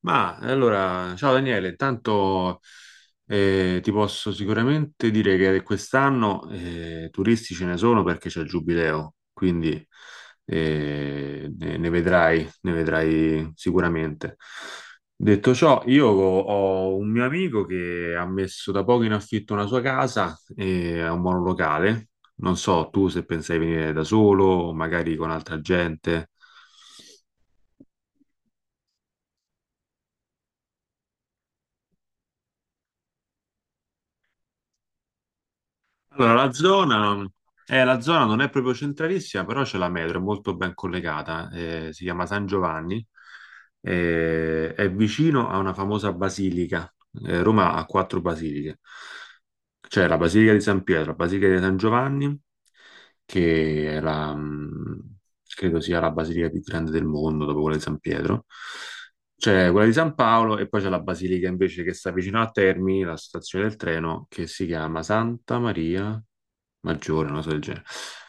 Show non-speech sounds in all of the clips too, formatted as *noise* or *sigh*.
Ma allora, ciao Daniele, tanto ti posso sicuramente dire che quest'anno turisti ce ne sono perché c'è il giubileo, quindi ne vedrai sicuramente. Detto ciò, io ho un mio amico che ha messo da poco in affitto una sua casa e ha un monolocale. Non so tu se pensai venire da solo, magari con altra gente. Allora, la zona non è proprio centralissima, però c'è la metro, è molto ben collegata, si chiama San Giovanni, è vicino a una famosa basilica. Roma ha quattro basiliche. C'è la Basilica di San Pietro, la Basilica di San Giovanni, che è la, credo sia la basilica più grande del mondo dopo quella di San Pietro. C'è quella di San Paolo e poi c'è la basilica invece che sta vicino a Termini, la stazione del treno, che si chiama Santa Maria maggiore, una cosa del genere.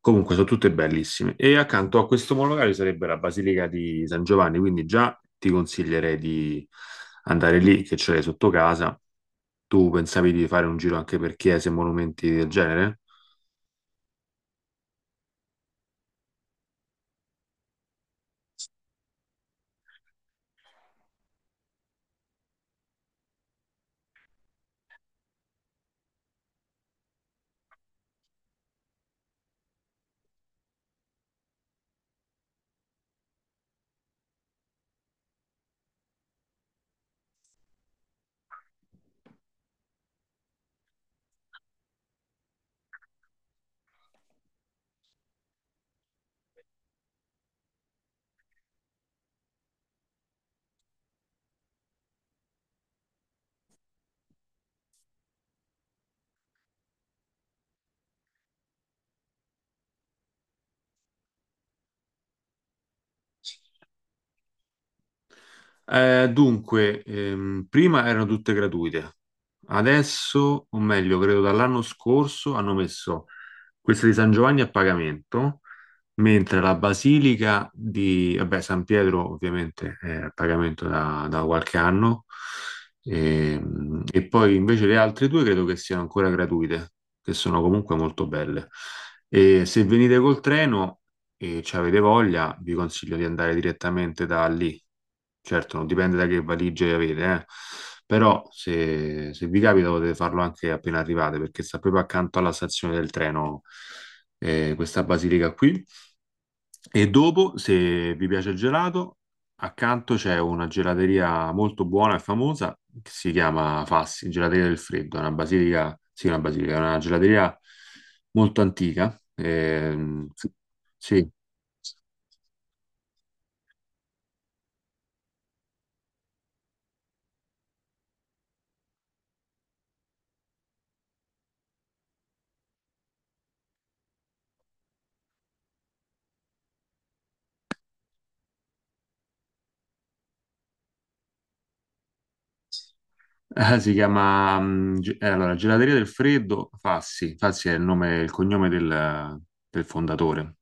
Comunque sono tutte bellissime. E accanto a questo monologario sarebbe la Basilica di San Giovanni, quindi già ti consiglierei di andare lì, che ce l'hai sotto casa. Tu pensavi di fare un giro anche per chiese e monumenti del genere? Dunque, prima erano tutte gratuite, adesso, o meglio, credo dall'anno scorso, hanno messo questa di San Giovanni a pagamento mentre la Basilica di vabbè, San Pietro ovviamente è a pagamento da qualche anno e, e poi invece le altre due credo che siano ancora gratuite, che sono comunque molto belle. E se venite col treno e ci avete voglia, vi consiglio di andare direttamente da lì. Certo, non dipende da che valigie avete, eh. Però se vi capita potete farlo anche appena arrivate, perché sta proprio accanto alla stazione del treno, questa basilica qui. E dopo, se vi piace il gelato, accanto c'è una gelateria molto buona e famosa che si chiama Fassi, Gelateria del Freddo, è una basilica, sì, una basilica, è una gelateria molto antica. Sì, sì. Allora, Gelateria del Freddo Fassi. Fassi è il nome, il cognome del fondatore.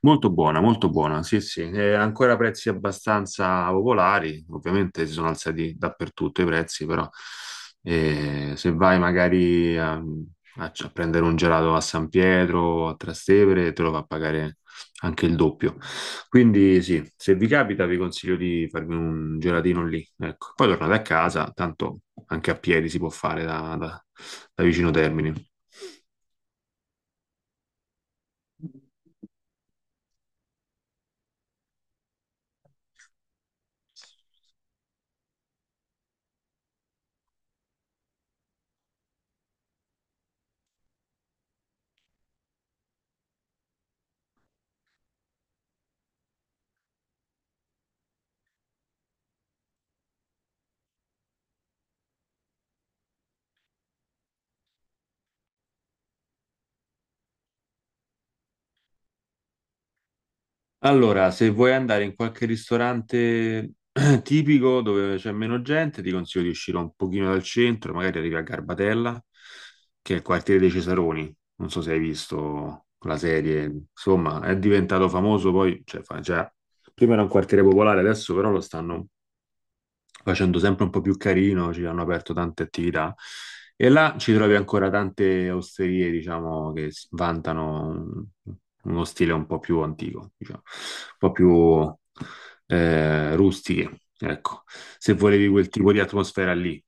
Molto buona, sì, sì. Ancora prezzi abbastanza popolari. Ovviamente si sono alzati dappertutto i prezzi, però se vai magari a, a- a prendere un gelato a San Pietro, a Trastevere, te lo fa pagare anche il doppio. Quindi sì, se vi capita vi consiglio di farvi un gelatino lì. Ecco. Poi tornate a casa, tanto anche a piedi si può fare da vicino Termini. Allora, se vuoi andare in qualche ristorante *clears throat* tipico dove c'è meno gente, ti consiglio di uscire un pochino dal centro, magari arrivi a Garbatella, che è il quartiere dei Cesaroni. Non so se hai visto la serie, insomma, è diventato famoso poi, cioè, prima era un quartiere popolare, adesso però lo stanno facendo sempre un po' più carino, ci hanno aperto tante attività e là ci trovi ancora tante osterie, diciamo, che s- vantano un- uno stile un po' più antico, diciamo, un po' più rustiche, ecco, se volevi quel tipo di atmosfera lì.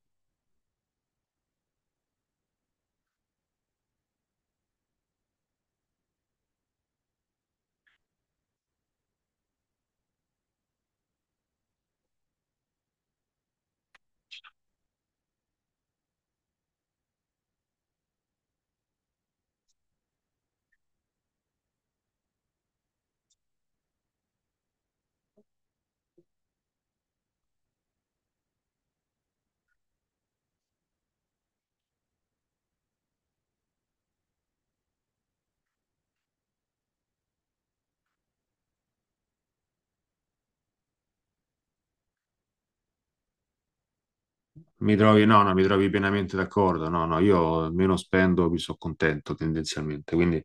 Mi trovi, no, no, mi trovi pienamente d'accordo. No, no, io meno spendo, più sono contento tendenzialmente, quindi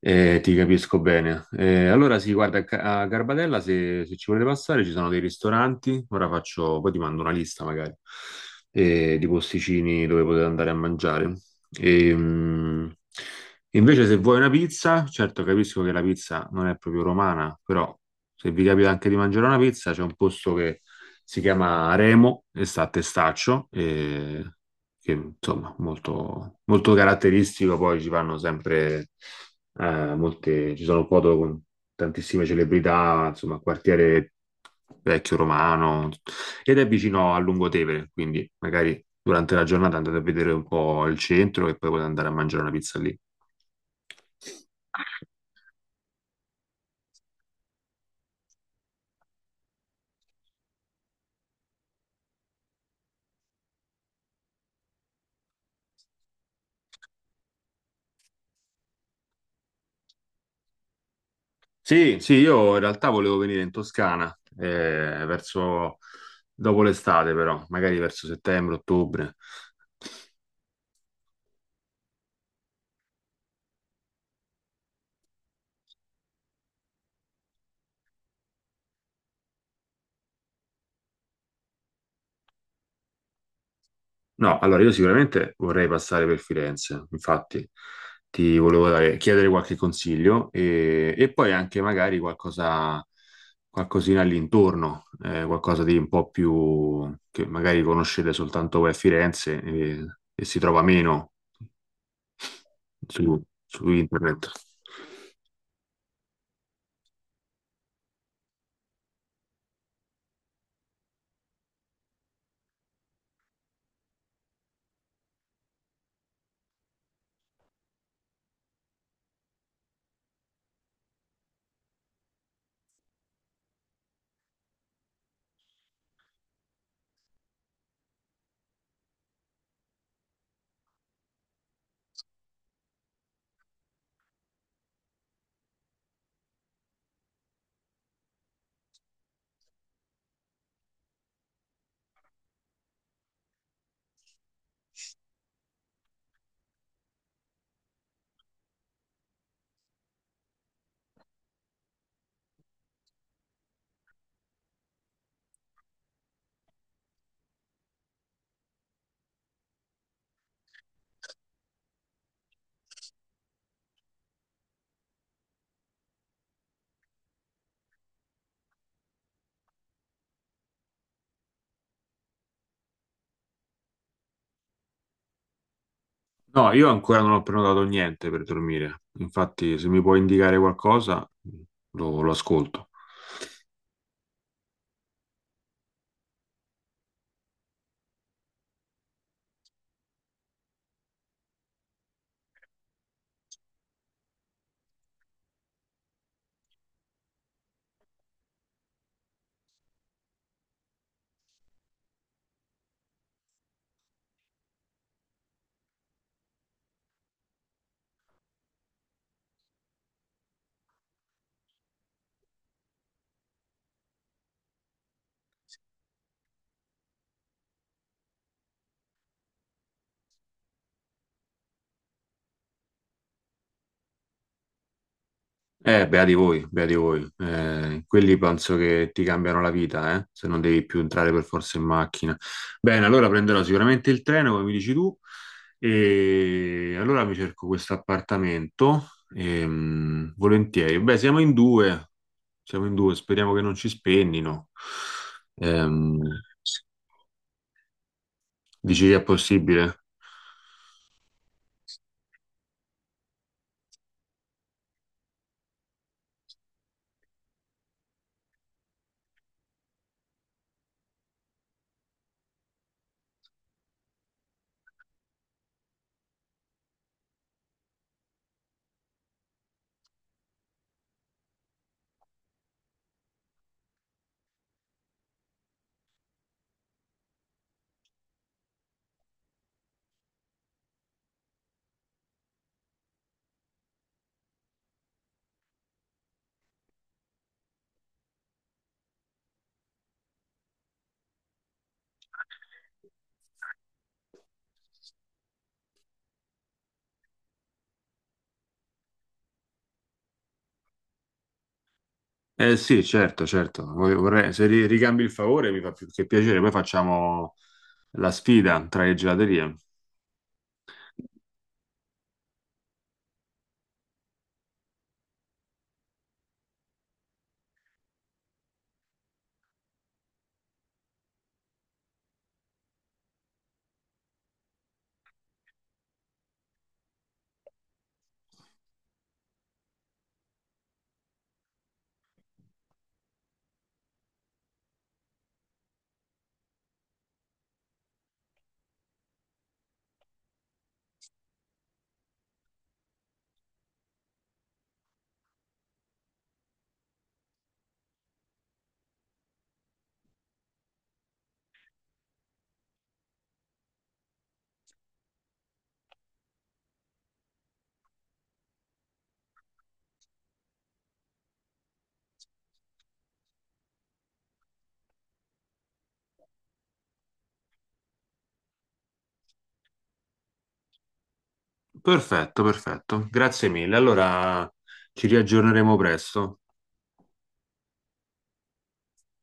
ti capisco bene. Allora sì, guarda, a Garbatella, se ci volete passare, ci sono dei ristoranti. Ora faccio, poi ti mando una lista magari di posticini dove potete andare a mangiare. E, mh, invece, se vuoi una pizza, certo capisco che la pizza non è proprio romana, però se vi capita anche di mangiare una pizza, c'è un posto che si chiama Remo e sta a Testaccio, e che insomma molto, molto caratteristico. Poi ci fanno sempre ci sono foto con tantissime celebrità, insomma, quartiere vecchio romano ed è vicino a Lungotevere, quindi magari durante la giornata andate a vedere un po' il centro e poi potete andare a mangiare una pizza lì. Sì, sì, io in realtà volevo venire in Toscana, verso dopo l'estate, però, magari verso settembre, ottobre. No, allora io sicuramente vorrei passare per Firenze, infatti chiedere qualche consiglio e poi anche magari qualcosa, qualcosina all'intorno, qualcosa di un po' più che magari conoscete soltanto voi a Firenze e si trova meno su su internet. No, io ancora non ho prenotato niente per dormire. Infatti, se mi puoi indicare qualcosa, lo ascolto. Beati voi, beati voi. Quelli penso che ti cambiano la vita, se non devi più entrare per forza in macchina. Bene, allora prenderò sicuramente il treno, come mi dici tu, e allora mi cerco questo appartamento. Volentieri. Beh, siamo in due, speriamo che non ci spennino. Ehm, dici che è possibile? Eh sì, certo, certo. Vorrei- vorrei- se ri- ricambi il favore mi fa più che piacere. Poi facciamo la sfida tra le gelaterie. Perfetto, perfetto. Grazie mille. Allora ci riaggiorneremo presto.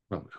Vabbè.